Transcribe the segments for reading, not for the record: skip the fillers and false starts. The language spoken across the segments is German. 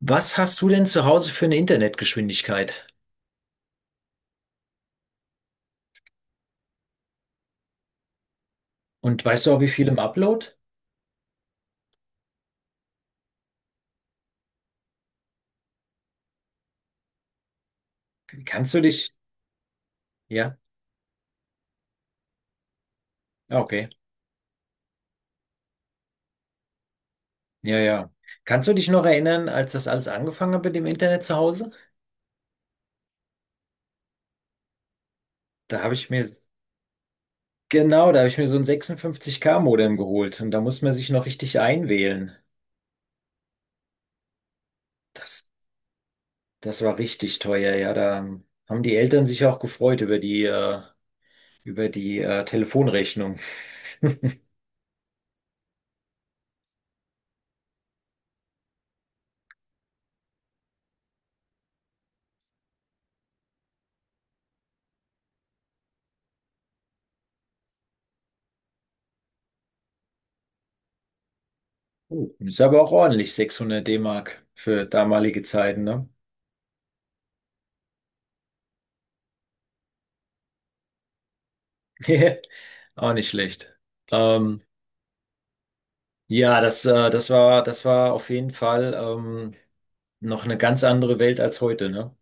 Was hast du denn zu Hause für eine Internetgeschwindigkeit? Und weißt du auch, wie viel im Upload? Kannst du dich, ja, ah, okay, ja, ja. Kannst du dich noch erinnern, als das alles angefangen hat mit dem Internet zu Hause? Da habe ich mir, Genau, da habe ich mir so ein 56K-Modem geholt und da muss man sich noch richtig einwählen. Das, das war richtig teuer, ja. Da haben die Eltern sich auch gefreut über die, Telefonrechnung. Oh, ist aber auch ordentlich, 600 D-Mark für damalige Zeiten, ne? Auch nicht schlecht. Ähm, ja, das war auf jeden Fall noch eine ganz andere Welt als heute, ne?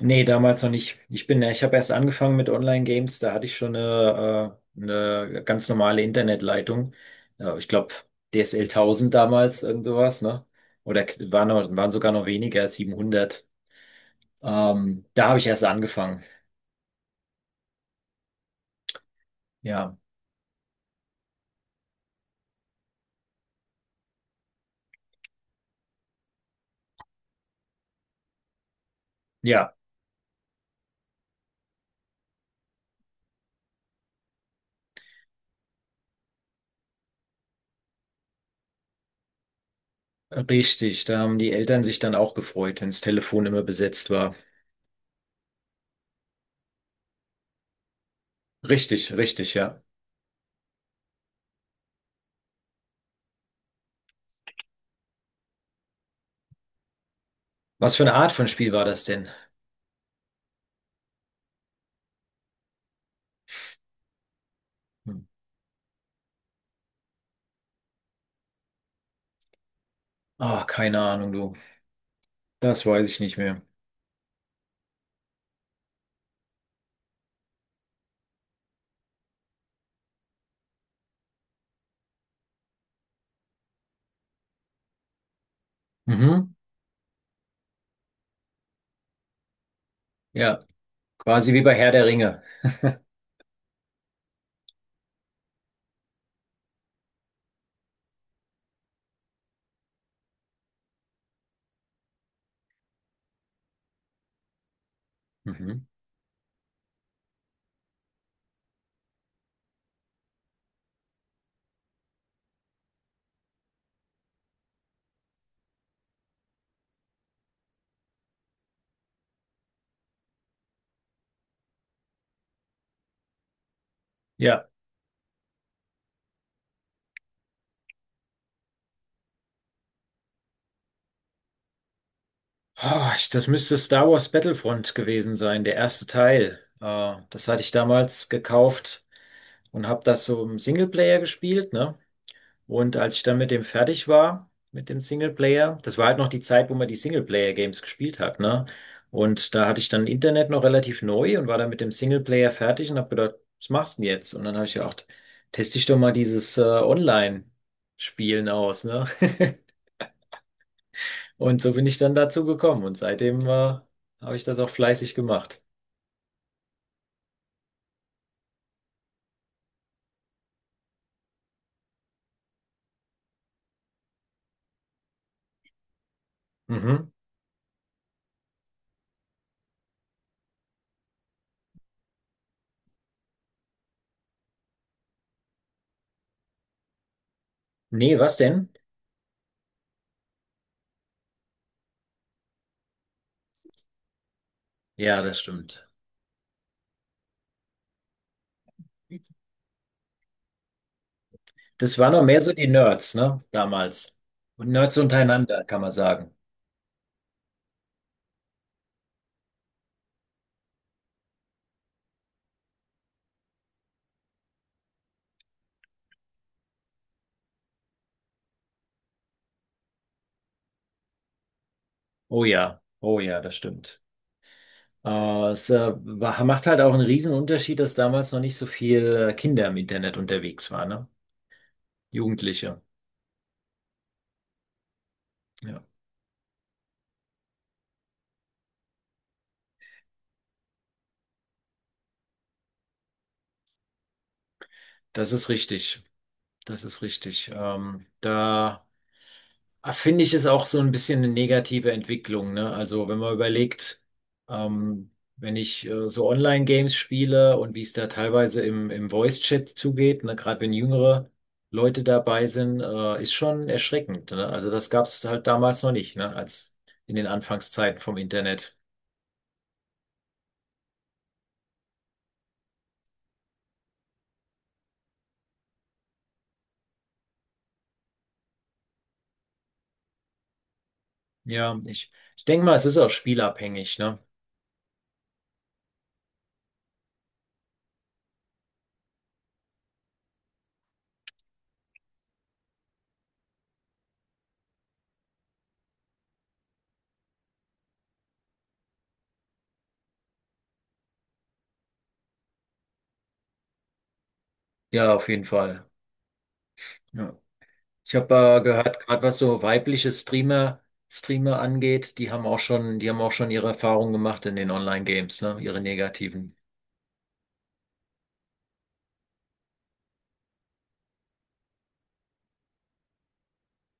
Nee, damals noch nicht. Ich habe erst angefangen mit Online-Games, da hatte ich schon eine ganz normale Internetleitung. Ja, ich glaube, DSL 1000 damals, irgend sowas, ne? Oder waren sogar noch weniger, 700. Da habe ich erst angefangen. Ja, ja, richtig. Da haben die Eltern sich dann auch gefreut, wenns Telefon immer besetzt war. Richtig, richtig, ja. Was für eine Art von Spiel war das denn? Hm. Ah, keine Ahnung, du. Das weiß ich nicht mehr. Mhm. Ja, quasi wie bei Herr der Ringe. Mhm. Ja. Oh, das müsste Star Wars Battlefront gewesen sein, der erste Teil. Das hatte ich damals gekauft und habe das so im Singleplayer gespielt, ne? Und als ich dann mit dem fertig war, mit dem Singleplayer, das war halt noch die Zeit, wo man die Singleplayer-Games gespielt hat, ne? Und da hatte ich dann Internet noch relativ neu und war dann mit dem Singleplayer fertig und habe gedacht, was machst du denn jetzt? Und dann habe ich gedacht, teste ich doch mal dieses Online-Spielen aus, ne? Und so bin ich dann dazu gekommen und seitdem habe ich das auch fleißig gemacht. Mhm. Nee, was denn? Ja, das stimmt. Das waren noch mehr so die Nerds, ne? Damals. Und Nerds untereinander, kann man sagen. Oh ja, oh ja, das stimmt. Macht halt auch einen riesen Unterschied, dass damals noch nicht so viel Kinder im Internet unterwegs waren, ne? Jugendliche. Ja, das ist richtig. Das ist richtig. Da. Ah, finde ich, ist auch so ein bisschen eine negative Entwicklung, ne? Also wenn man überlegt, ähm, wenn ich so Online-Games spiele und wie es da teilweise im Voice-Chat zugeht, ne? Gerade wenn jüngere Leute dabei sind, ist schon erschreckend, ne? Also das gab es halt damals noch nicht, ne? Als in den Anfangszeiten vom Internet. Ja, ich denke mal, es ist auch spielabhängig, ne? Ja, auf jeden Fall. Ja. Ich habe gehört, gerade was so weibliche Streamer angeht, die haben auch schon ihre Erfahrungen gemacht in den Online-Games, ne? Ihre negativen.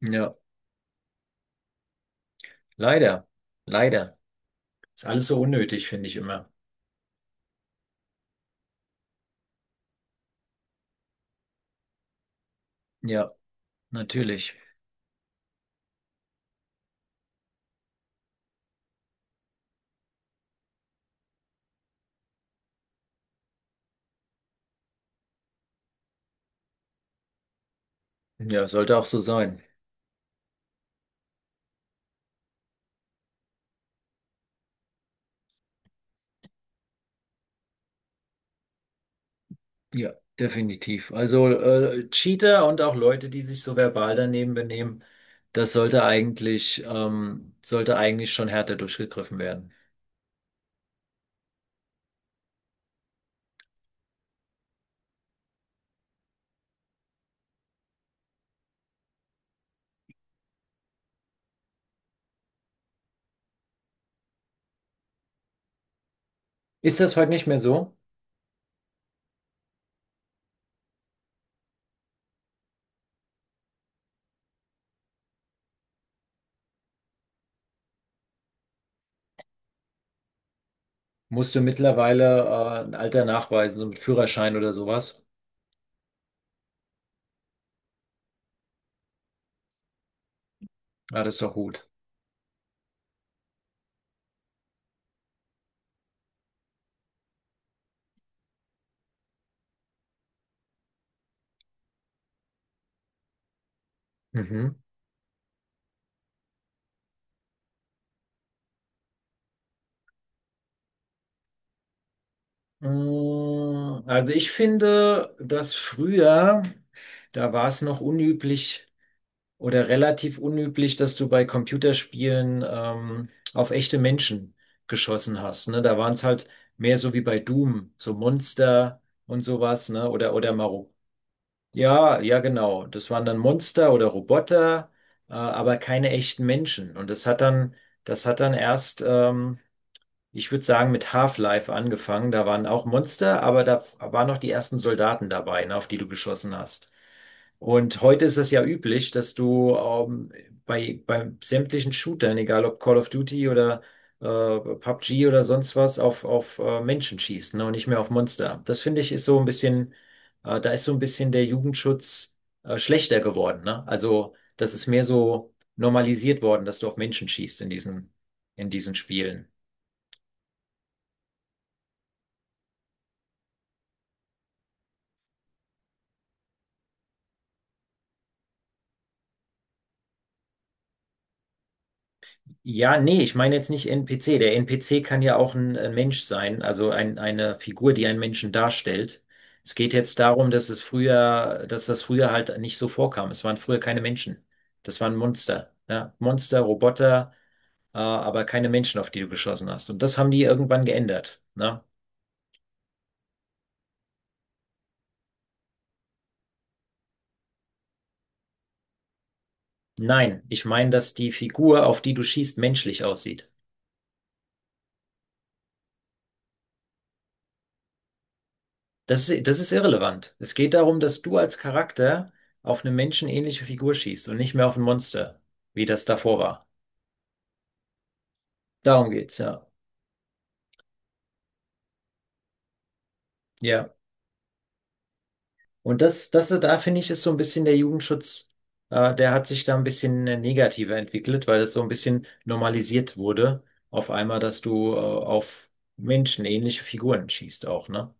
Ja, leider. Leider. Ist alles so unnötig, finde ich immer. Ja, natürlich. Ja, sollte auch so sein. Ja, definitiv. Also Cheater und auch Leute, die sich so verbal daneben benehmen, das sollte eigentlich schon härter durchgegriffen werden. Ist das heute nicht mehr so? Musst du mittlerweile ein Alter nachweisen, so mit Führerschein oder sowas? Ah, das ist doch gut. Mhm. Mm, Also ich finde, dass früher, da war es noch unüblich oder relativ unüblich, dass du bei Computerspielen auf echte Menschen geschossen hast. Ne? Da waren es halt mehr so wie bei Doom, so Monster und sowas, ne? Oder Maro. Ja, ja, genau. Das waren dann Monster oder Roboter, aber keine echten Menschen. Und das hat dann erst ich würde sagen, mit Half-Life angefangen. Da waren auch Monster, aber da waren noch die ersten Soldaten dabei, ne, auf die du geschossen hast. Und heute ist es ja üblich, dass du bei sämtlichen Shootern, egal ob Call of Duty oder PUBG oder sonst was, auf Menschen schießt, ne, und nicht mehr auf Monster. Das finde ich ist so ein bisschen, da ist so ein bisschen der Jugendschutz schlechter geworden, ne? Also, das ist mehr so normalisiert worden, dass du auf Menschen schießt in diesen Spielen. Ja, nee, ich meine jetzt nicht NPC. Der NPC kann ja auch ein Mensch sein, also eine Figur, die einen Menschen darstellt. Es geht jetzt darum, dass das früher halt nicht so vorkam. Es waren früher keine Menschen. Das waren Monster. Ja? Monster, Roboter, aber keine Menschen, auf die du geschossen hast. Und das haben die irgendwann geändert. Ne? Nein, ich meine, dass die Figur, auf die du schießt, menschlich aussieht. Das ist irrelevant. Es geht darum, dass du als Charakter auf eine menschenähnliche Figur schießt und nicht mehr auf ein Monster, wie das davor war. Darum geht's, ja. Ja. Und da finde ich, ist so ein bisschen der Jugendschutz, der hat sich da ein bisschen negativer entwickelt, weil das so ein bisschen normalisiert wurde, auf einmal, dass du, auf menschenähnliche Figuren schießt auch, ne?